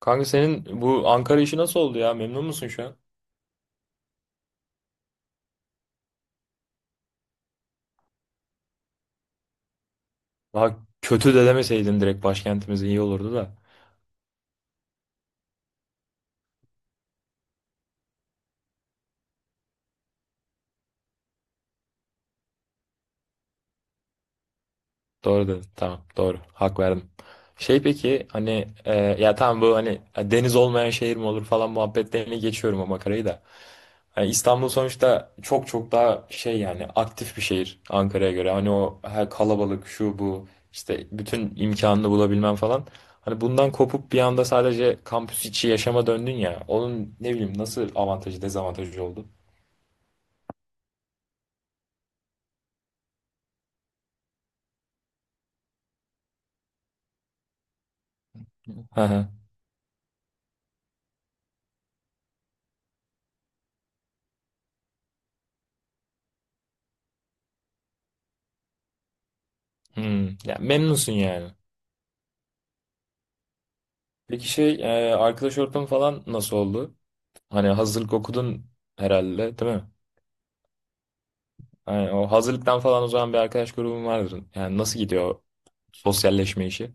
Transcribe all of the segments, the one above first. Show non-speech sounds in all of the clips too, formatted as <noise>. Kanka senin bu Ankara işi nasıl oldu ya? Memnun musun şu an? Daha kötü de demeseydin direkt başkentimiz iyi olurdu da. Doğru dedin. Tamam. Doğru. Hak verdim. Şey peki hani ya tamam bu hani deniz olmayan şehir mi olur falan muhabbetlerini geçiyorum o makarayı da. Yani İstanbul sonuçta çok çok daha şey, yani aktif bir şehir Ankara'ya göre. Hani o her kalabalık, şu bu, işte bütün imkanını bulabilmem falan. Hani bundan kopup bir anda sadece kampüs içi yaşama döndün ya. Onun ne bileyim nasıl avantajı dezavantajı oldu? Hı hı. Hmm. Ya memnunsun yani. Peki şey arkadaş ortamı falan nasıl oldu? Hani hazırlık okudun herhalde, değil mi? Yani o hazırlıktan falan, o zaman bir arkadaş grubun vardır. Yani nasıl gidiyor o sosyalleşme işi?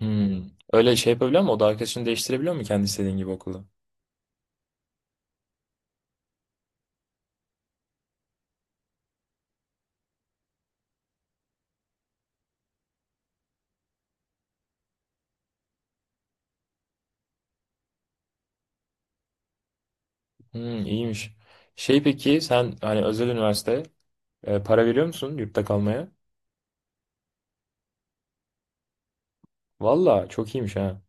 Hmm. Öyle şey yapabiliyor mu? O da arkadaşını değiştirebiliyor mu kendi istediğin gibi okulda? Hmm, iyiymiş. Şey peki sen hani özel üniversite, para veriyor musun yurtta kalmaya? Valla çok iyiymiş ha.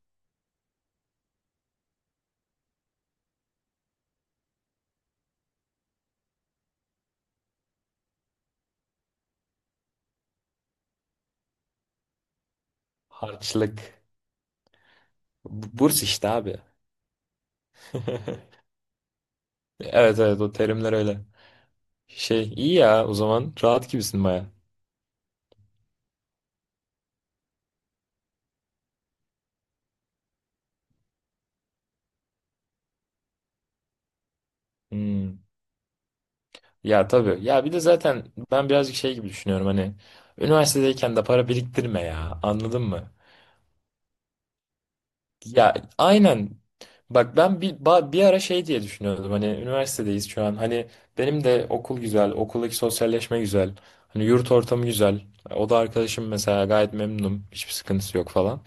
Harçlık. Burs işte abi. <laughs> Evet evet, o terimler öyle. Şey iyi ya, o zaman rahat gibisin baya. Hmm. Ya tabii. Ya bir de zaten ben birazcık şey gibi düşünüyorum, hani üniversitedeyken de para biriktirme ya. Anladın mı? Ya aynen. Bak ben bir bir ara şey diye düşünüyordum. Hani üniversitedeyiz şu an. Hani benim de okul güzel, okuldaki sosyalleşme güzel. Hani yurt ortamı güzel. O da arkadaşım mesela, gayet memnunum. Hiçbir sıkıntısı yok falan.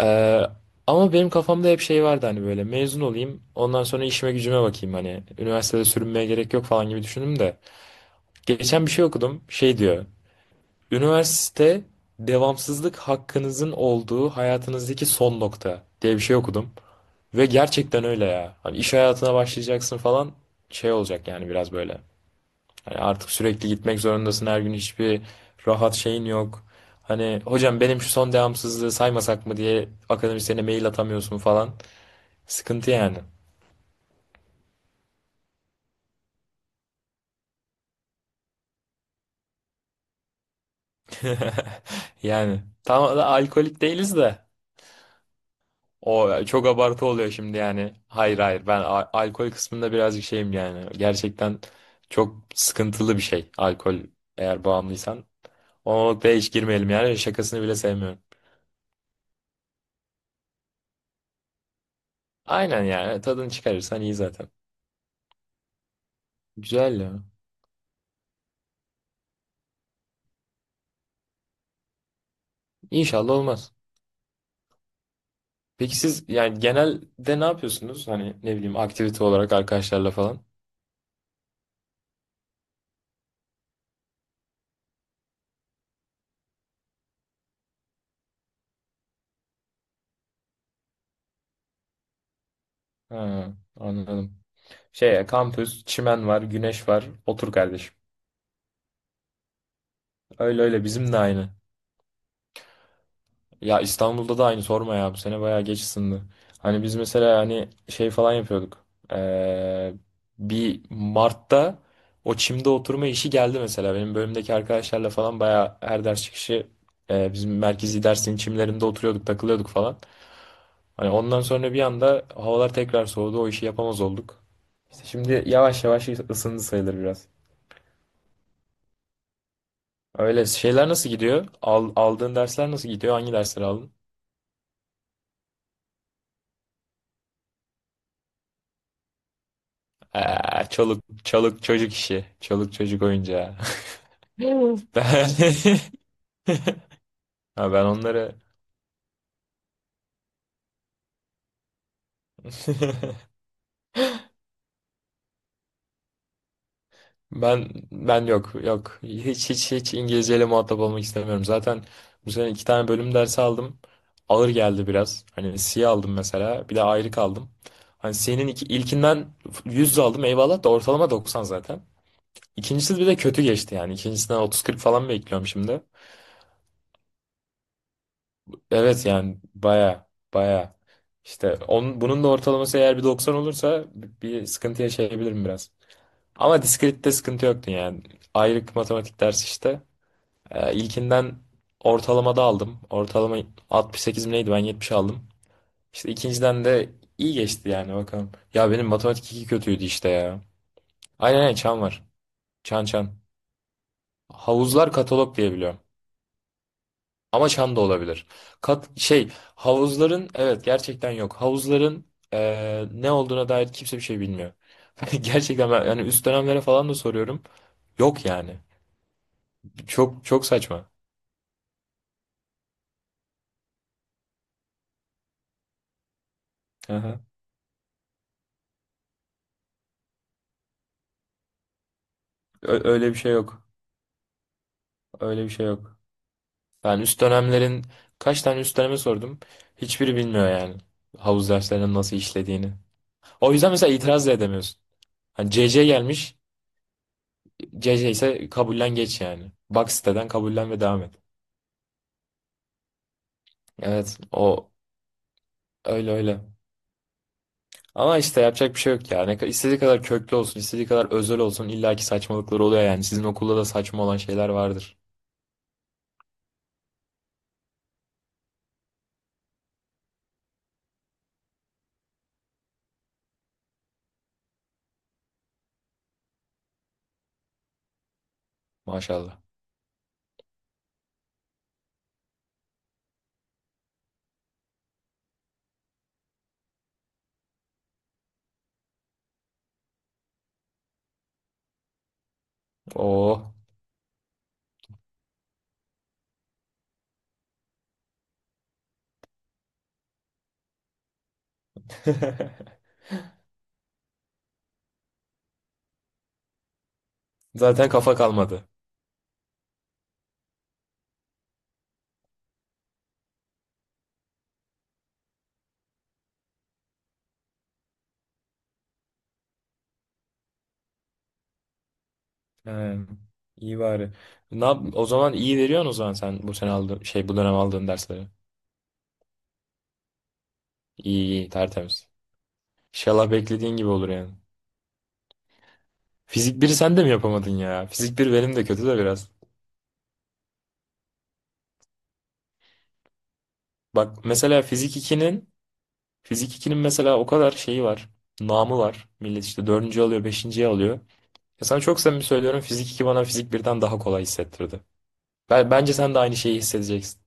Ee, ama benim kafamda hep şey vardı, hani böyle mezun olayım. Ondan sonra işime gücüme bakayım hani. Üniversitede sürünmeye gerek yok falan gibi düşündüm de. Geçen bir şey okudum. Şey diyor. Üniversite devamsızlık hakkınızın olduğu hayatınızdaki son nokta diye bir şey okudum. Ve gerçekten öyle ya. Hani iş hayatına başlayacaksın falan, şey olacak yani biraz böyle. Hani artık sürekli gitmek zorundasın her gün, hiçbir rahat şeyin yok. Hani hocam benim şu son devamsızlığı saymasak mı diye akademisyene mail atamıyorsun falan. Sıkıntı yani. <laughs> Yani tam da alkolik değiliz de. O çok abartı oluyor şimdi yani. Hayır hayır, ben alkol kısmında birazcık şeyim yani. Gerçekten çok sıkıntılı bir şey alkol, eğer bağımlıysan. O noktaya hiç girmeyelim yani, şakasını bile sevmiyorum. Aynen, yani tadını çıkarırsan iyi zaten. Güzel ya. İnşallah olmaz. Peki siz yani genelde ne yapıyorsunuz? Hani ne bileyim, aktivite olarak arkadaşlarla falan. Ha, anladım. Şey kampüs, çimen var, güneş var. Otur kardeşim. Öyle öyle, bizim de aynı. Ya İstanbul'da da aynı, sorma ya, bu sene bayağı geç ısındı. Hani biz mesela hani şey falan yapıyorduk. Ee, bir Mart'ta o çimde oturma işi geldi mesela. Benim bölümdeki arkadaşlarla falan bayağı her ders çıkışı bizim merkezi dersin çimlerinde oturuyorduk, takılıyorduk falan. Hani ondan sonra bir anda havalar tekrar soğudu, o işi yapamaz olduk. İşte şimdi yavaş yavaş ısındı sayılır biraz. Öyle şeyler nasıl gidiyor? Aldığın dersler nasıl gidiyor? Hangi dersleri aldın? Aa, çoluk çoluk çocuk işi. Çoluk çocuk oyuncağı. <laughs> Ben. <laughs> Ha, ben onları, <laughs> ben yok yok hiç hiç hiç İngilizceyle muhatap olmak istemiyorum. Zaten bu sene iki tane bölüm dersi aldım. Ağır geldi biraz. Hani C aldım mesela. Bir de ayrı kaldım. Hani C'nin iki, ilkinden 100 aldım eyvallah, da ortalama 90 zaten. İkincisi bir de kötü geçti yani. İkincisinden 30 40 falan bekliyorum şimdi. Evet yani baya baya, işte onun, bunun da ortalaması eğer bir 90 olursa bir sıkıntı yaşayabilirim biraz. Ama diskrette sıkıntı yoktu yani. Ayrık matematik dersi işte. İlkinden ortalamada aldım. Ortalama 68 mi neydi, ben 70 aldım. İşte ikinciden de iyi geçti yani, bakalım. Ya benim matematik 2 kötüydü işte ya. Aynen aynen, çan var. Çan çan. Havuzlar katalog diye biliyorum. Ama çan da olabilir. Şey, havuzların evet gerçekten yok. Havuzların ne olduğuna dair kimse bir şey bilmiyor. <laughs> Gerçekten ben yani üst dönemlere falan da soruyorum. Yok yani. Çok çok saçma. Aha. Öyle bir şey yok. Öyle bir şey yok. Ben üst dönemlerin, kaç tane üst döneme sordum. Hiçbiri bilmiyor yani. Havuz derslerinin nasıl işlediğini. O yüzden mesela itiraz da edemiyorsun. Hani CC gelmiş. CC ise kabullen geç yani. Bak siteden, kabullen ve devam et. Evet, o. Öyle öyle. Ama işte yapacak bir şey yok ya. Ne, istediği kadar köklü olsun, istediği kadar özel olsun, illaki saçmalıkları oluyor yani. Sizin okulda da saçma olan şeyler vardır. Maşallah. Oo. <laughs> Zaten kafa kalmadı. He, iyi bari. O zaman iyi veriyorsun o zaman, sen bu sene aldığın şey, bu dönem aldığın dersleri. İyi iyi, tertemiz. İnşallah beklediğin gibi olur yani. Fizik biri sen de mi yapamadın ya? Fizik bir benim de kötü de biraz. Bak mesela fizik ikinin. Fizik ikinin mesela o kadar şeyi var. Namı var. Millet işte dördüncü alıyor, beşinciyi alıyor. Ya sana çok samimi söylüyorum, Fizik 2 bana Fizik birden daha kolay hissettirdi. Ben, bence sen de aynı şeyi hissedeceksin.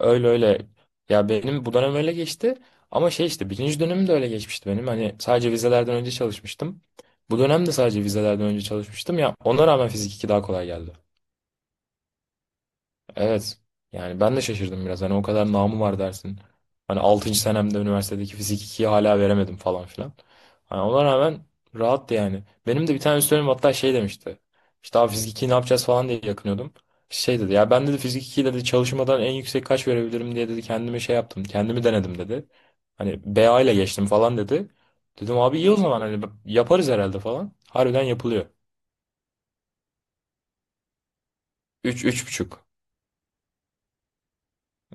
Öyle öyle. Ya benim bu dönem öyle geçti. Ama şey, işte birinci dönemim de öyle geçmişti benim. Hani sadece vizelerden önce çalışmıştım. Bu dönem de sadece vizelerden önce çalışmıştım. Ya ona rağmen Fizik 2 daha kolay geldi. Evet. Yani ben de şaşırdım biraz. Hani o kadar namı var dersin. Hani altıncı senemde üniversitedeki fizik 2'yi hala veremedim falan filan. Hani ona rağmen rahattı yani. Benim de bir tane üstlerim hatta şey demişti. İşte abi fizik 2'yi ne yapacağız falan diye yakınıyordum. Şey dedi ya, ben dedi fizik 2'yi dedi çalışmadan en yüksek kaç verebilirim diye dedi, kendime şey yaptım. Kendimi denedim dedi. Hani BA ile geçtim falan dedi. Dedim abi iyi o zaman, hani yaparız herhalde falan. Harbiden yapılıyor. Üç, üç buçuk.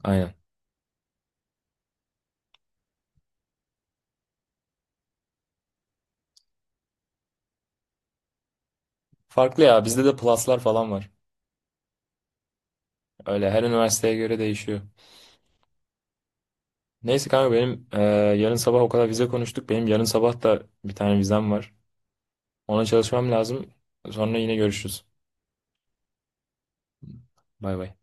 Aynen. Farklı ya, bizde de pluslar falan var. Öyle, her üniversiteye göre değişiyor. Neyse kanka benim yarın sabah o kadar vize konuştuk. Benim yarın sabah da bir tane vizem var. Ona çalışmam lazım. Sonra yine görüşürüz. Bay bay.